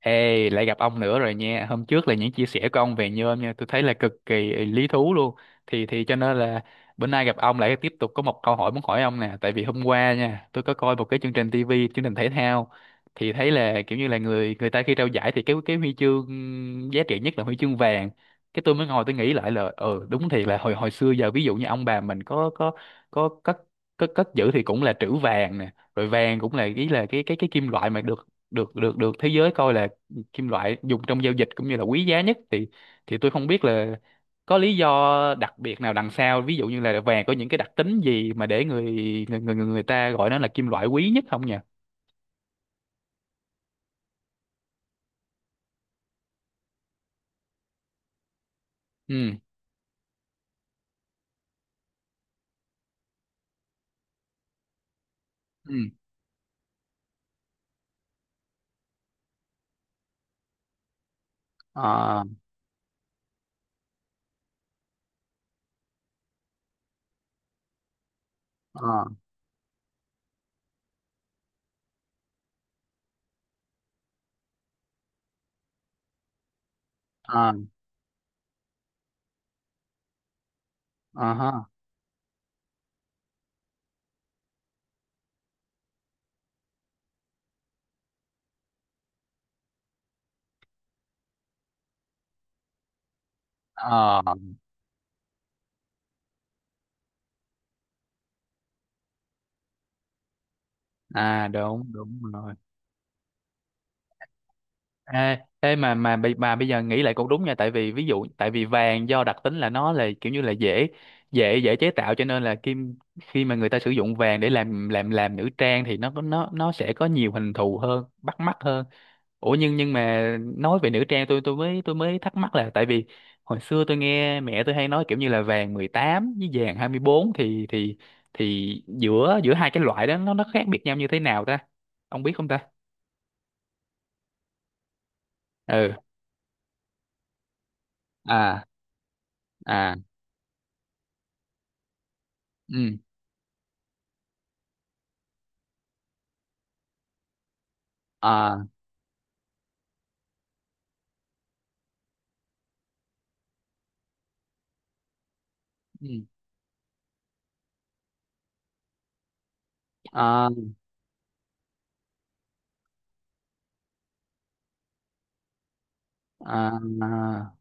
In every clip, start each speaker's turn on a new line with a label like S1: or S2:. S1: Ê, lại gặp ông nữa rồi nha. Hôm trước là những chia sẻ của ông về nhôm nha, tôi thấy là cực kỳ lý thú luôn. Thì cho nên là bữa nay gặp ông lại tiếp tục có một câu hỏi muốn hỏi ông nè, tại vì hôm qua nha, tôi có coi một cái chương trình TV, chương trình thể thao thì thấy là kiểu như là người người ta khi trao giải thì cái huy chương giá trị nhất là huy chương vàng. Cái tôi mới ngồi tôi nghĩ lại là ừ đúng thiệt là hồi hồi xưa giờ ví dụ như ông bà mình có cất cất cất giữ thì cũng là trữ vàng nè, rồi vàng cũng là ý là cái kim loại mà được được được được thế giới coi là kim loại dùng trong giao dịch cũng như là quý giá nhất thì tôi không biết là có lý do đặc biệt nào đằng sau ví dụ như là vàng có những cái đặc tính gì mà để người ta gọi nó là kim loại quý nhất không nhỉ. Ừ. Ừ. À. À. À. À ha. À. À, đúng đúng rồi. Ê, ê mà bây giờ nghĩ lại cũng đúng nha tại vì ví dụ tại vì vàng do đặc tính là nó là kiểu như là dễ dễ dễ chế tạo cho nên là khi mà người ta sử dụng vàng để làm nữ trang thì nó nó sẽ có nhiều hình thù hơn bắt mắt hơn. Ủa nhưng mà nói về nữ trang tôi mới thắc mắc là tại vì hồi xưa tôi nghe mẹ tôi hay nói kiểu như là vàng 18 với vàng 24 thì thì giữa giữa hai cái loại đó nó khác biệt nhau như thế nào ta? Ông biết không ta? Ừ. À. À. Ừ. À. Ừ. À. À, à,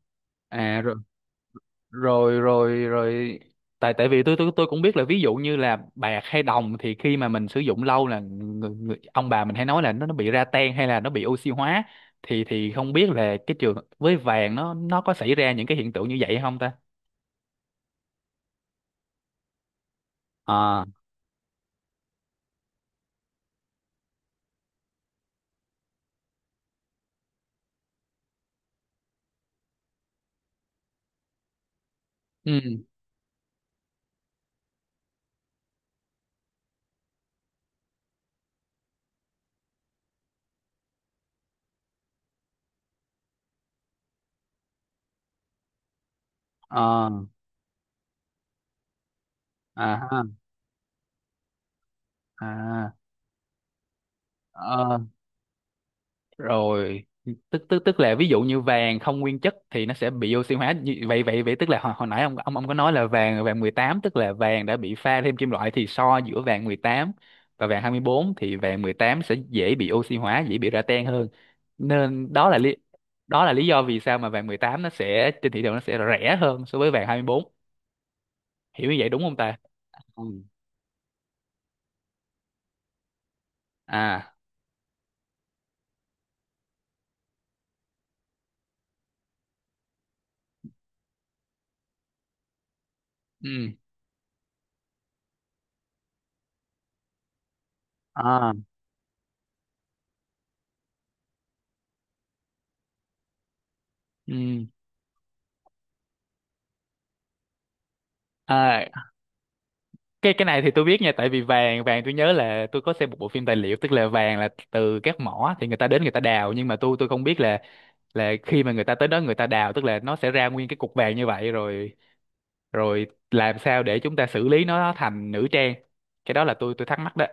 S1: à rồi, rồi. Tại tại vì tôi cũng biết là ví dụ như là bạc hay đồng thì khi mà mình sử dụng lâu là người, người, ông bà mình hay nói là nó bị ra ten hay là nó bị oxy hóa thì không biết là cái trường với vàng nó có xảy ra những cái hiện tượng như vậy hay không ta? À. Ừ. À. À ha. À. Ờ. Rồi. Tức tức tức là ví dụ như vàng không nguyên chất thì nó sẽ bị oxy hóa như vậy vậy vậy tức là hồi, hồi nãy ông có nói là vàng vàng 18 tức là vàng đã bị pha thêm kim loại thì so giữa vàng 18 và vàng 24 thì vàng 18 sẽ dễ bị oxy hóa dễ bị ra tan hơn nên đó là lý do vì sao mà vàng 18 nó sẽ trên thị trường nó sẽ rẻ hơn so với vàng 24. Hiểu như vậy đúng không ta? Ừ. À. Ừ. À. Ừ. À, cái này thì tôi biết nha tại vì vàng vàng tôi nhớ là tôi có xem một bộ phim tài liệu tức là vàng là từ các mỏ thì người ta đến người ta đào nhưng mà tôi không biết là khi mà người ta tới đó người ta đào tức là nó sẽ ra nguyên cái cục vàng như vậy rồi rồi làm sao để chúng ta xử lý nó thành nữ trang, cái đó là tôi thắc mắc đó.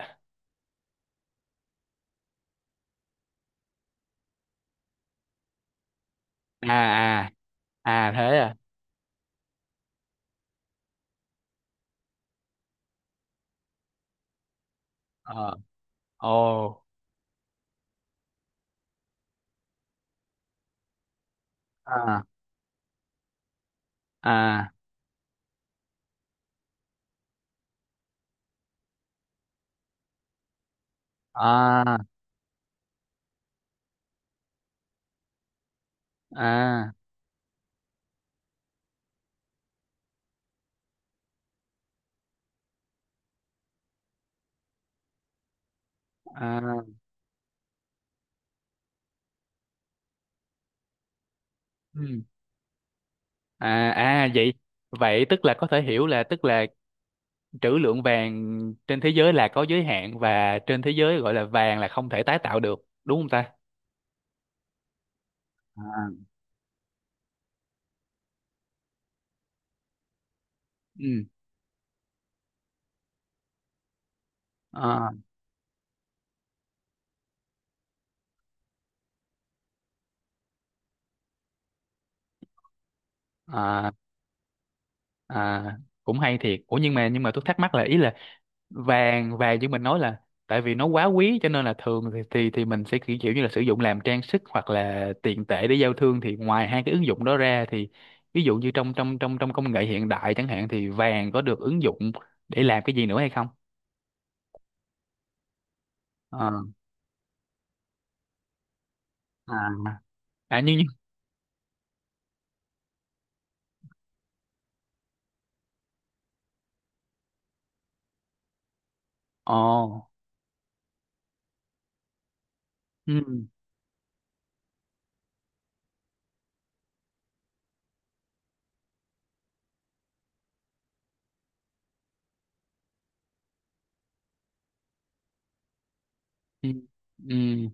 S1: À. À. À thế à. Ờ. Ồ. À. À. À. À. À. Ừ. À. À vậy vậy tức là có thể hiểu là tức là trữ lượng vàng trên thế giới là có giới hạn và trên thế giới gọi là vàng là không thể tái tạo được, đúng không ta? À. Ừ. À, à, à, cũng hay thiệt. Ủa nhưng mà tôi thắc mắc là ý là vàng vàng như mình nói là tại vì nó quá quý cho nên là thường thì thì mình sẽ kiểu kiểu như là sử dụng làm trang sức hoặc là tiền tệ để giao thương thì ngoài hai cái ứng dụng đó ra thì ví dụ như trong trong công nghệ hiện đại chẳng hạn thì vàng có được ứng dụng để làm cái gì nữa hay không? Ờ. À, à nhưng nhưng. Ồ. Ừ. Ừ, ừ,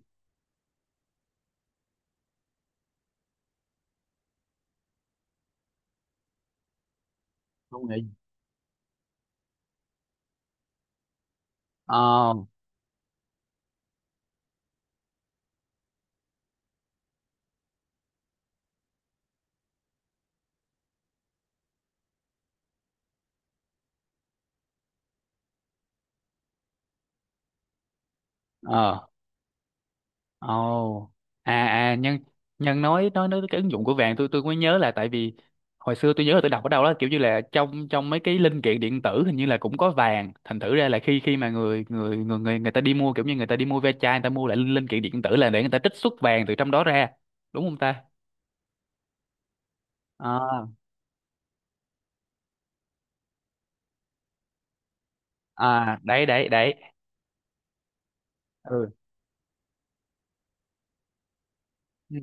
S1: công nghệ. Ờ. Ờ. Ồ. À. À nhân nhân nói cái ứng dụng của vàng tôi mới nhớ là tại vì hồi xưa tôi nhớ là tôi đọc ở đâu đó kiểu như là trong trong mấy cái linh kiện điện tử hình như là cũng có vàng thành thử ra là khi khi mà người người người người người ta đi mua kiểu như người ta đi mua ve chai người ta mua lại linh kiện điện tử là để người ta trích xuất vàng từ trong đó ra, đúng không ta? À. À đấy đấy đấy. Ừ. Ừ.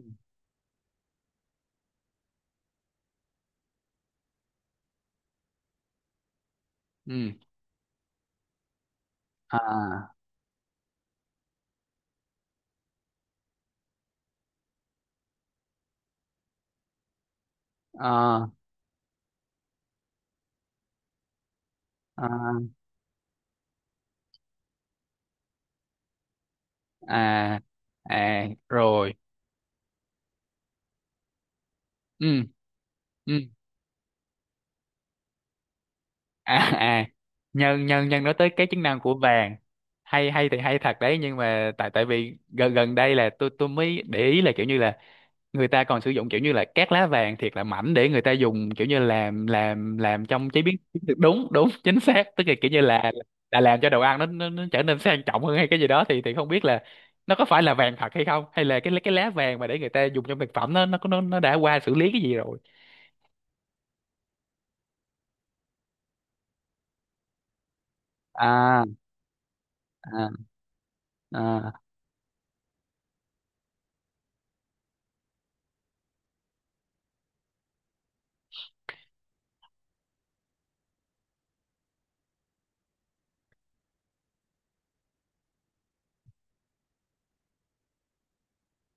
S1: Ừ. À. À. À. À. À rồi. Ừ. Ừ. À. À nhân nhân nhân nói tới cái chức năng của vàng hay hay thì hay thật đấy nhưng mà tại tại vì gần gần đây là tôi mới để ý là kiểu như là người ta còn sử dụng kiểu như là các lá vàng thiệt là mảnh để người ta dùng kiểu như làm trong chế biến chiến lược. Đúng đúng chính xác tức là kiểu như là làm cho đồ ăn nó nó trở nên sang trọng hơn hay cái gì đó thì không biết là nó có phải là vàng thật hay không hay là cái lá vàng mà để người ta dùng trong thực phẩm nó đã qua xử lý cái gì rồi. À. À. À.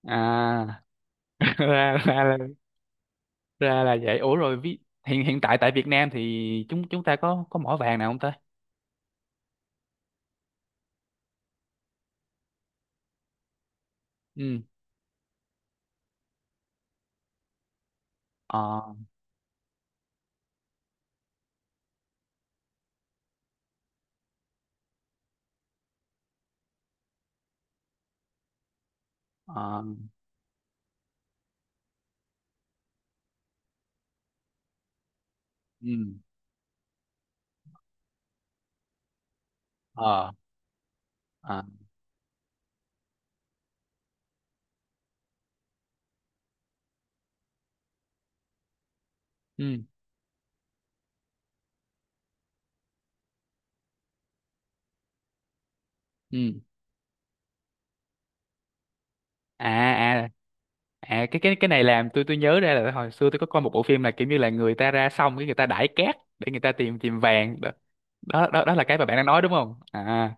S1: À. ra ra là vậy. Ủa rồi hiện hiện tại tại Việt Nam thì chúng chúng ta có mỏ vàng nào không ta? Ừ. Ờ. Ờ. Ừ. Ờ. Ờ. Ừ. Ừ. À. À. À cái này làm tôi nhớ ra là hồi xưa tôi có coi một bộ phim là kiểu như là người ta ra xong cái người ta đãi cát để người ta tìm tìm vàng đó. Đó đó, đó là cái mà bạn đang nói đúng không à?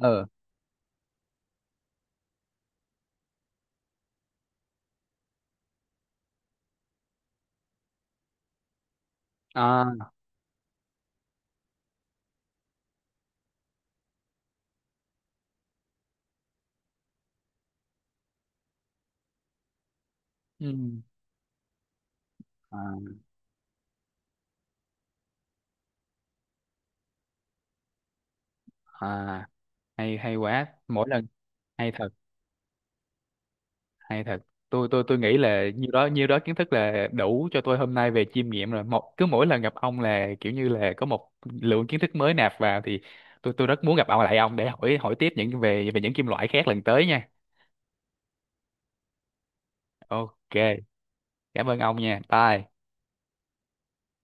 S1: Ờ. À. Ừ. À, à hay hay quá mỗi lần. Hay thật. Hay thật. Tôi nghĩ là nhiêu đó kiến thức là đủ cho tôi hôm nay về chiêm nghiệm rồi. Một cứ mỗi lần gặp ông là kiểu như là có một lượng kiến thức mới nạp vào thì tôi rất muốn gặp ông lại ông để hỏi hỏi tiếp những về về những kim loại khác lần tới nha. Ok, cảm ơn ông nha, bye.